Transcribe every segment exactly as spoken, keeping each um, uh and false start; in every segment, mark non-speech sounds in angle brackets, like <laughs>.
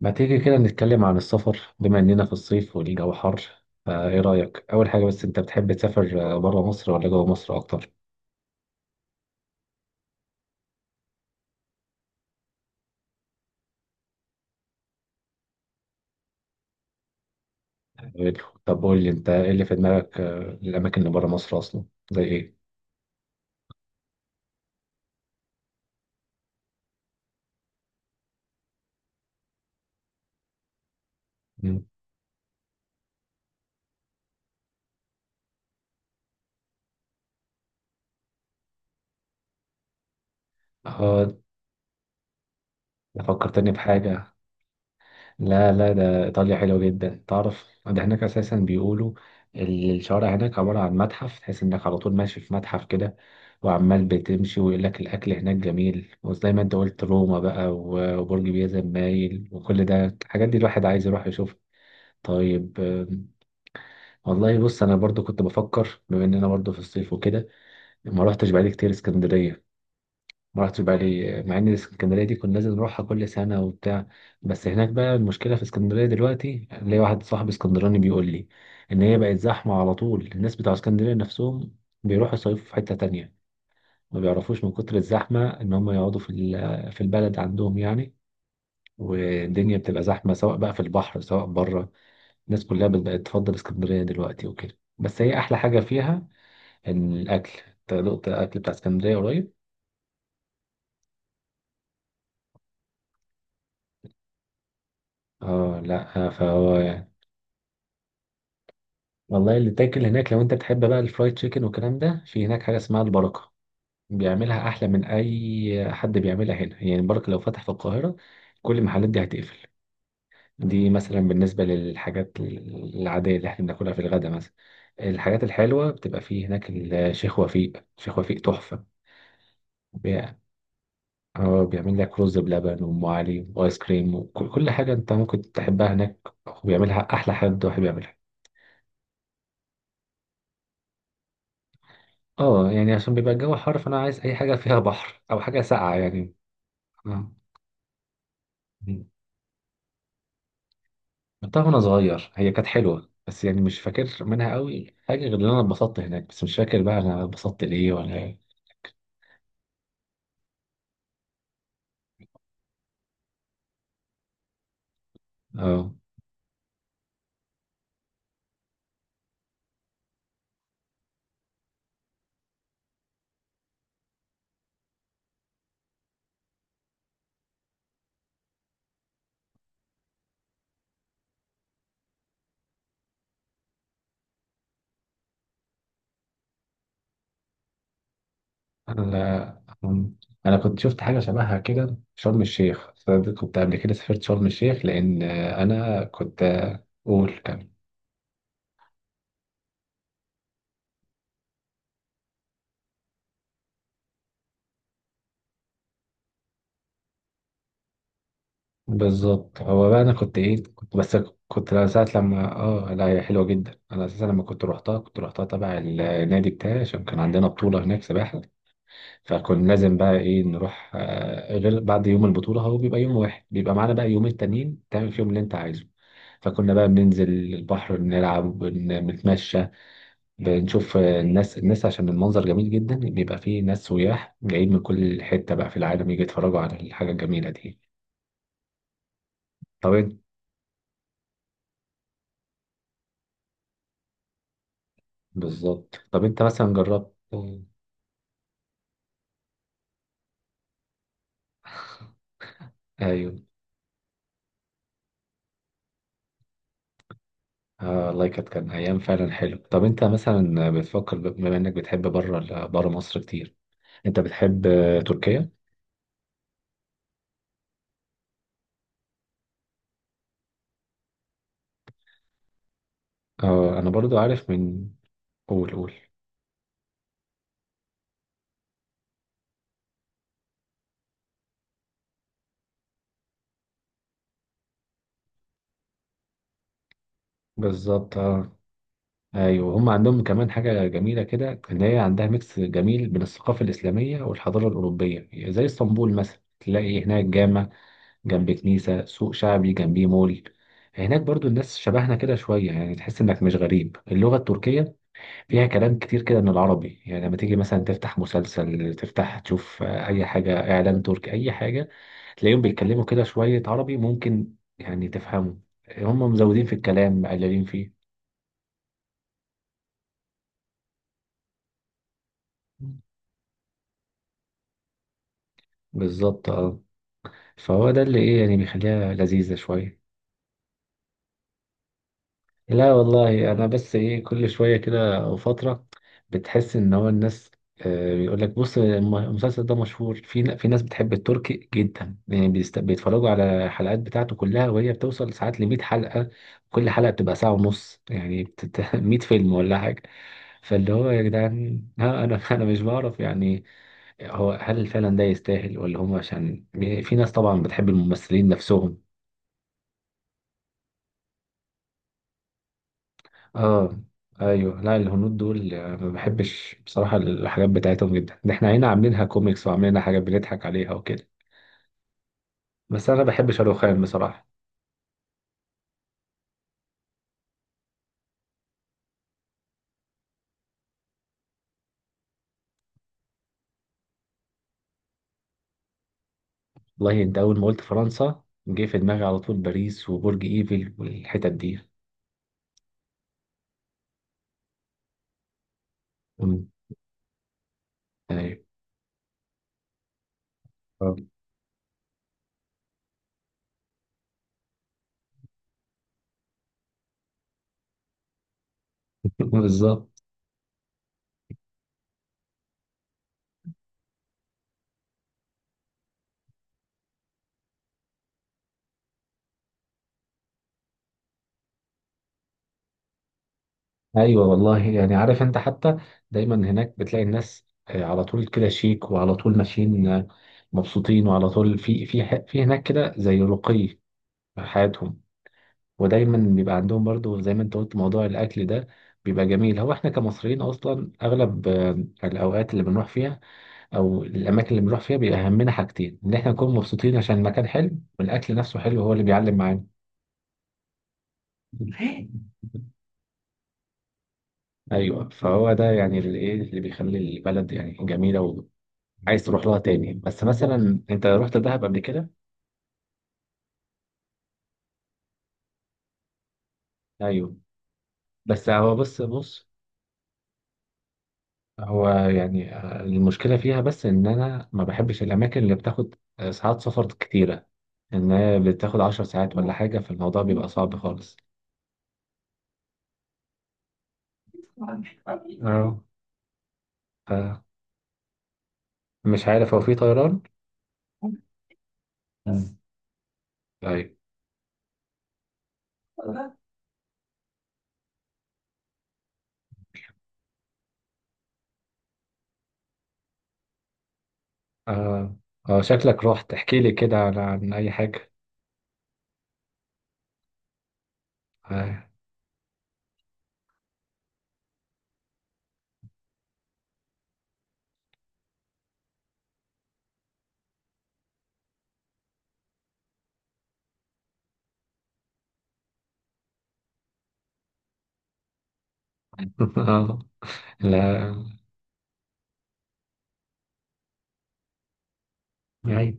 ما تيجي كده نتكلم عن السفر بما إننا في الصيف والجو حر فإيه رأيك؟ أول حاجة بس أنت بتحب تسافر بره مصر ولا جوه مصر أكتر؟ حلو. طب قول لي أنت إيه اللي في دماغك آه، الأماكن اللي بره مصر أصلا؟ زي إيه؟ مم. آه، فكرتني بحاجة. لا لا، ده إيطاليا حلوة جدا، تعرف ده هناك أساسا بيقولوا ال- الشوارع هناك عبارة عن متحف، تحس إنك على طول ماشي في متحف كده وعمال بتمشي، ويقول لك الأكل هناك جميل، وزي ما أنت قلت روما بقى و- وبرج بيزا المايل، وكل ده الحاجات دي الواحد عايز يروح يشوفها. طيب، آم، والله بص أنا برضو كنت بفكر بما إننا برضو في الصيف وكده، ما روحتش بقالي كتير اسكندرية. ما رحتش بالي مع ان اسكندريه دي كنا لازم نروحها كل سنه وبتاع. بس هناك بقى المشكله في اسكندريه دلوقتي، ليا واحد صاحب اسكندراني بيقول لي ان هي بقت زحمه، على طول الناس بتوع اسكندريه نفسهم بيروحوا يصيفوا في حته تانية، ما بيعرفوش من كتر الزحمه ان هم يقعدوا في ال- في البلد عندهم يعني. والدنيا بتبقى زحمه سواء بقى في البحر سواء بره. الناس كلها بت- بقت تفضل اسكندريه دلوقتي وكده، بس هي احلى حاجه فيها ان الاكل. انت دقت الاكل بتاع اسكندريه قريب؟ اه لا، فهو والله اللي تاكل هناك لو انت بتحب بقى الفرايد تشيكن والكلام ده، في هناك حاجه اسمها البركه، بيعملها احلى من اي حد بيعملها هنا، يعني البركه لو فتح في القاهره كل المحلات دي هتقفل. دي مثلا بالنسبه للحاجات العاديه اللي احنا بناكلها في الغدا مثلا. الحاجات الحلوه بتبقى في هناك الشيخ وفيق، شيخ وفيق تحفه. بي- اه، بيعمل لك رز بلبن وام علي وايس كريم، وكل كل حاجه انت ممكن تحبها هناك، وبيعملها احلى حد واحد بيعملها. اه، يعني عشان بيبقى الجو حر فانا عايز اي حاجه فيها بحر او حاجه ساقعه يعني. اه. مم. رحتها وانا صغير، هي كانت حلوه بس يعني مش فاكر منها قوي حاجه غير ان انا اتبسطت هناك، بس مش فاكر بقى انا اتبسطت ليه ولا ايه. اه. انا مم. انا كنت شفت حاجه شبهها كده في شرم الشيخ، فأنا كنت قبل كده سافرت شرم الشيخ لان آه، انا كنت، آه، قول كمل. بالظبط، هو بقى انا كنت ايه، كنت بس كنت لا- ساعة لما اه لا، هي حلوة جدا، انا اساسا لما كنت روحتها كنت روحتها تبع النادي بتاعي عشان كان عندنا بطولة هناك سباحة. فكنا لازم بقى ايه نروح، آه، غير بعد يوم البطولة هو بيبقى يوم واحد، بيبقى معانا بقى يومين تانيين تعمل فيهم اللي انت عايزه. فكنا بقى بننزل البحر بنلعب بن- بنتمشى، بنشوف آه، الناس الناس عشان المنظر جميل جدا، بيبقى فيه ناس سياح جايين من كل حتة بقى في العالم يجي يتفرجوا على الحاجة الجميلة دي. طب. بالظبط، طب انت مثلا جربت؟ ايوه. آه والله كانت كان ايام فعلا حلو. طب انت مثلا بتفكر ب- بما انك بتحب بره بره مصر كتير، انت بتحب آه، تركيا؟ اه، انا برضو عارف من... قول قول. بالظبط اه. ايوه، هم عندهم كمان حاجه جميله كده، ان هي عندها ميكس جميل بين الثقافه الاسلاميه والحضاره الاوروبيه زي اسطنبول مثلا، تلاقي هناك جامع جنب كنيسه، سوق شعبي جنبيه مول. هناك برضو الناس شبهنا كده شويه، يعني تحس انك مش غريب، اللغه التركيه فيها كلام كتير كده من العربي، يعني لما تيجي مثلا تفتح مسلسل تفتح تشوف آه، اي حاجة، اعلان تركي اي حاجة، تلاقيهم بيتكلموا كده شوية عربي ممكن يعني تفهمه. هم مزودين في الكلام مقللين فيه. بالظبط اه، فهو ده اللي ايه يعني بيخليها لذيذة شوية. لا والله، انا بس ايه كل شويه كده او فتره بتحس ان هو الناس آه، بيقول لك بص الم- المسلسل ده مشهور في ن- في ناس بتحب التركي جدا، يعني بيست... بيتفرجوا على الحلقات بتاعته كلها، وهي بتوصل ساعات ل مية حلقه. كل حلقه بتبقى ساعه ونص، يعني بتت... <laughs> مائة فيلم ولا حاجه. فاللي هو يا جدعان، ها انا <laughs> انا مش بعرف يعني، هو هل فعلا ده يستاهل، ولا هم عشان في ناس طبعا بتحب الممثلين نفسهم. اه. ايوه لا، الهنود دول آه، ما بحبش بصراحه الحاجات بتاعتهم جدا، ده احنا هنا عاملينها كوميكس وعاملينها حاجات بنضحك عليها وكده. بس انا بحب شاروخان خان بصراحه. والله انت اول ما قلت فرنسا جه في دماغي على طول باريس وبرج ايفل والحتت دي. أمم، ايوه. آه. <laughs> بالظبط. ايوه والله، يعني عارف انت حتى دايما هناك بتلاقي الناس آه، على طول كده شيك وعلى طول ماشيين آه، مبسوطين، وعلى طول في في في هناك كده زي رقي في حياتهم. ودايما بيبقى عندهم برضو زي ما انت قلت موضوع الاكل ده بيبقى جميل، هو احنا كمصريين اصلا اغلب آه، الاوقات اللي بنروح فيها او الاماكن اللي بنروح فيها بيبقى همنا حاجتين، ان احنا نكون مبسوطين عشان المكان حلو والاكل نفسه حلو هو اللي بيعلم معانا. ايوه، فهو ده يعني اللي ايه اللي بيخلي البلد يعني جميله وعايز تروح لها تاني. بس مثلا انت رحت دهب قبل كده؟ ايوه، بس هو بص بص. هو يعني آه، المشكلة فيها بس إن أنا ما بحبش الأماكن اللي بتاخد آه، ساعات سفر كتيرة، إن هي بتاخد عشر ساعات ولا حاجة فالموضوع بيبقى صعب خالص. أه، مش عارف هو في طيران؟ مم. طيب. آه. آه، شكلك رحت احكي لي كده عن عن أي حاجة. آه. <laughs> آه. لا يعني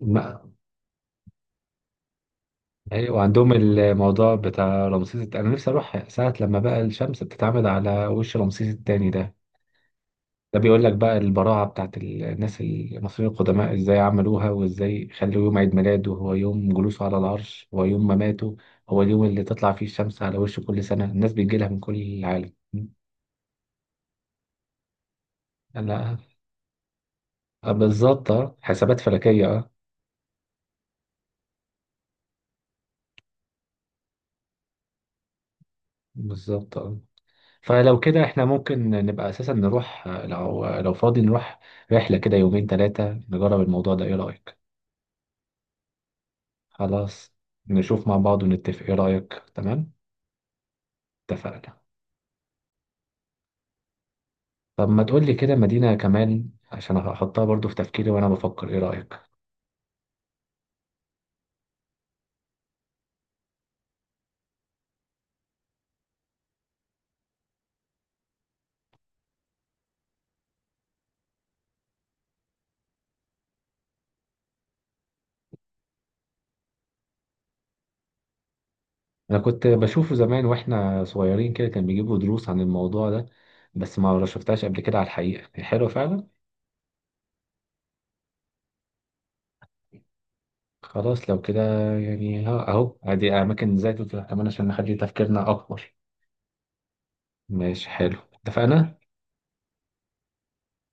ما... أيوة، وعندهم الموضوع بتاع رمسيس الت- أنا نفسي أروح ساعة لما بقى الشمس بتتعمد على وش رمسيس التاني ده، ده بيقول لك بقى البراعة بتاعت الناس المصريين القدماء ازاي عملوها، وازاي خلوا يوم عيد ميلاده هو يوم جلوسه على العرش هو يوم مماته، هو اليوم اللي تطلع فيه الشمس على وشه كل سنة الناس بتجيلها من كل العالم. لا، آه، بالظبط اه، حسابات فلكية اه. بالظبط اه. فلو كده احنا ممكن نبقى اساسا نروح، آه، لو آه، لو فاضي نروح رحلة كده يومين ثلاثة نجرب الموضوع ده، ايه رأيك؟ خلاص، نشوف مع بعض ونتفق، ايه رأيك؟ تمام. اتفقنا. طب ما تقولي كده مدينة كمان عشان أحطها برضو في تفكيري وأنا بفكر، إيه رأيك؟ أنا كنت بشوفه زمان وإحنا صغيرين كده، كان بيجيبوا دروس عن الموضوع ده، بس ما شفتهاش قبل كده على الحقيقة، هي حلوة فعلا. خلاص لو كده، يعني ها- أهو أدي أماكن زي دي كمان عشان نخلي تفكيرنا أكبر. ماشي حلو، اتفقنا؟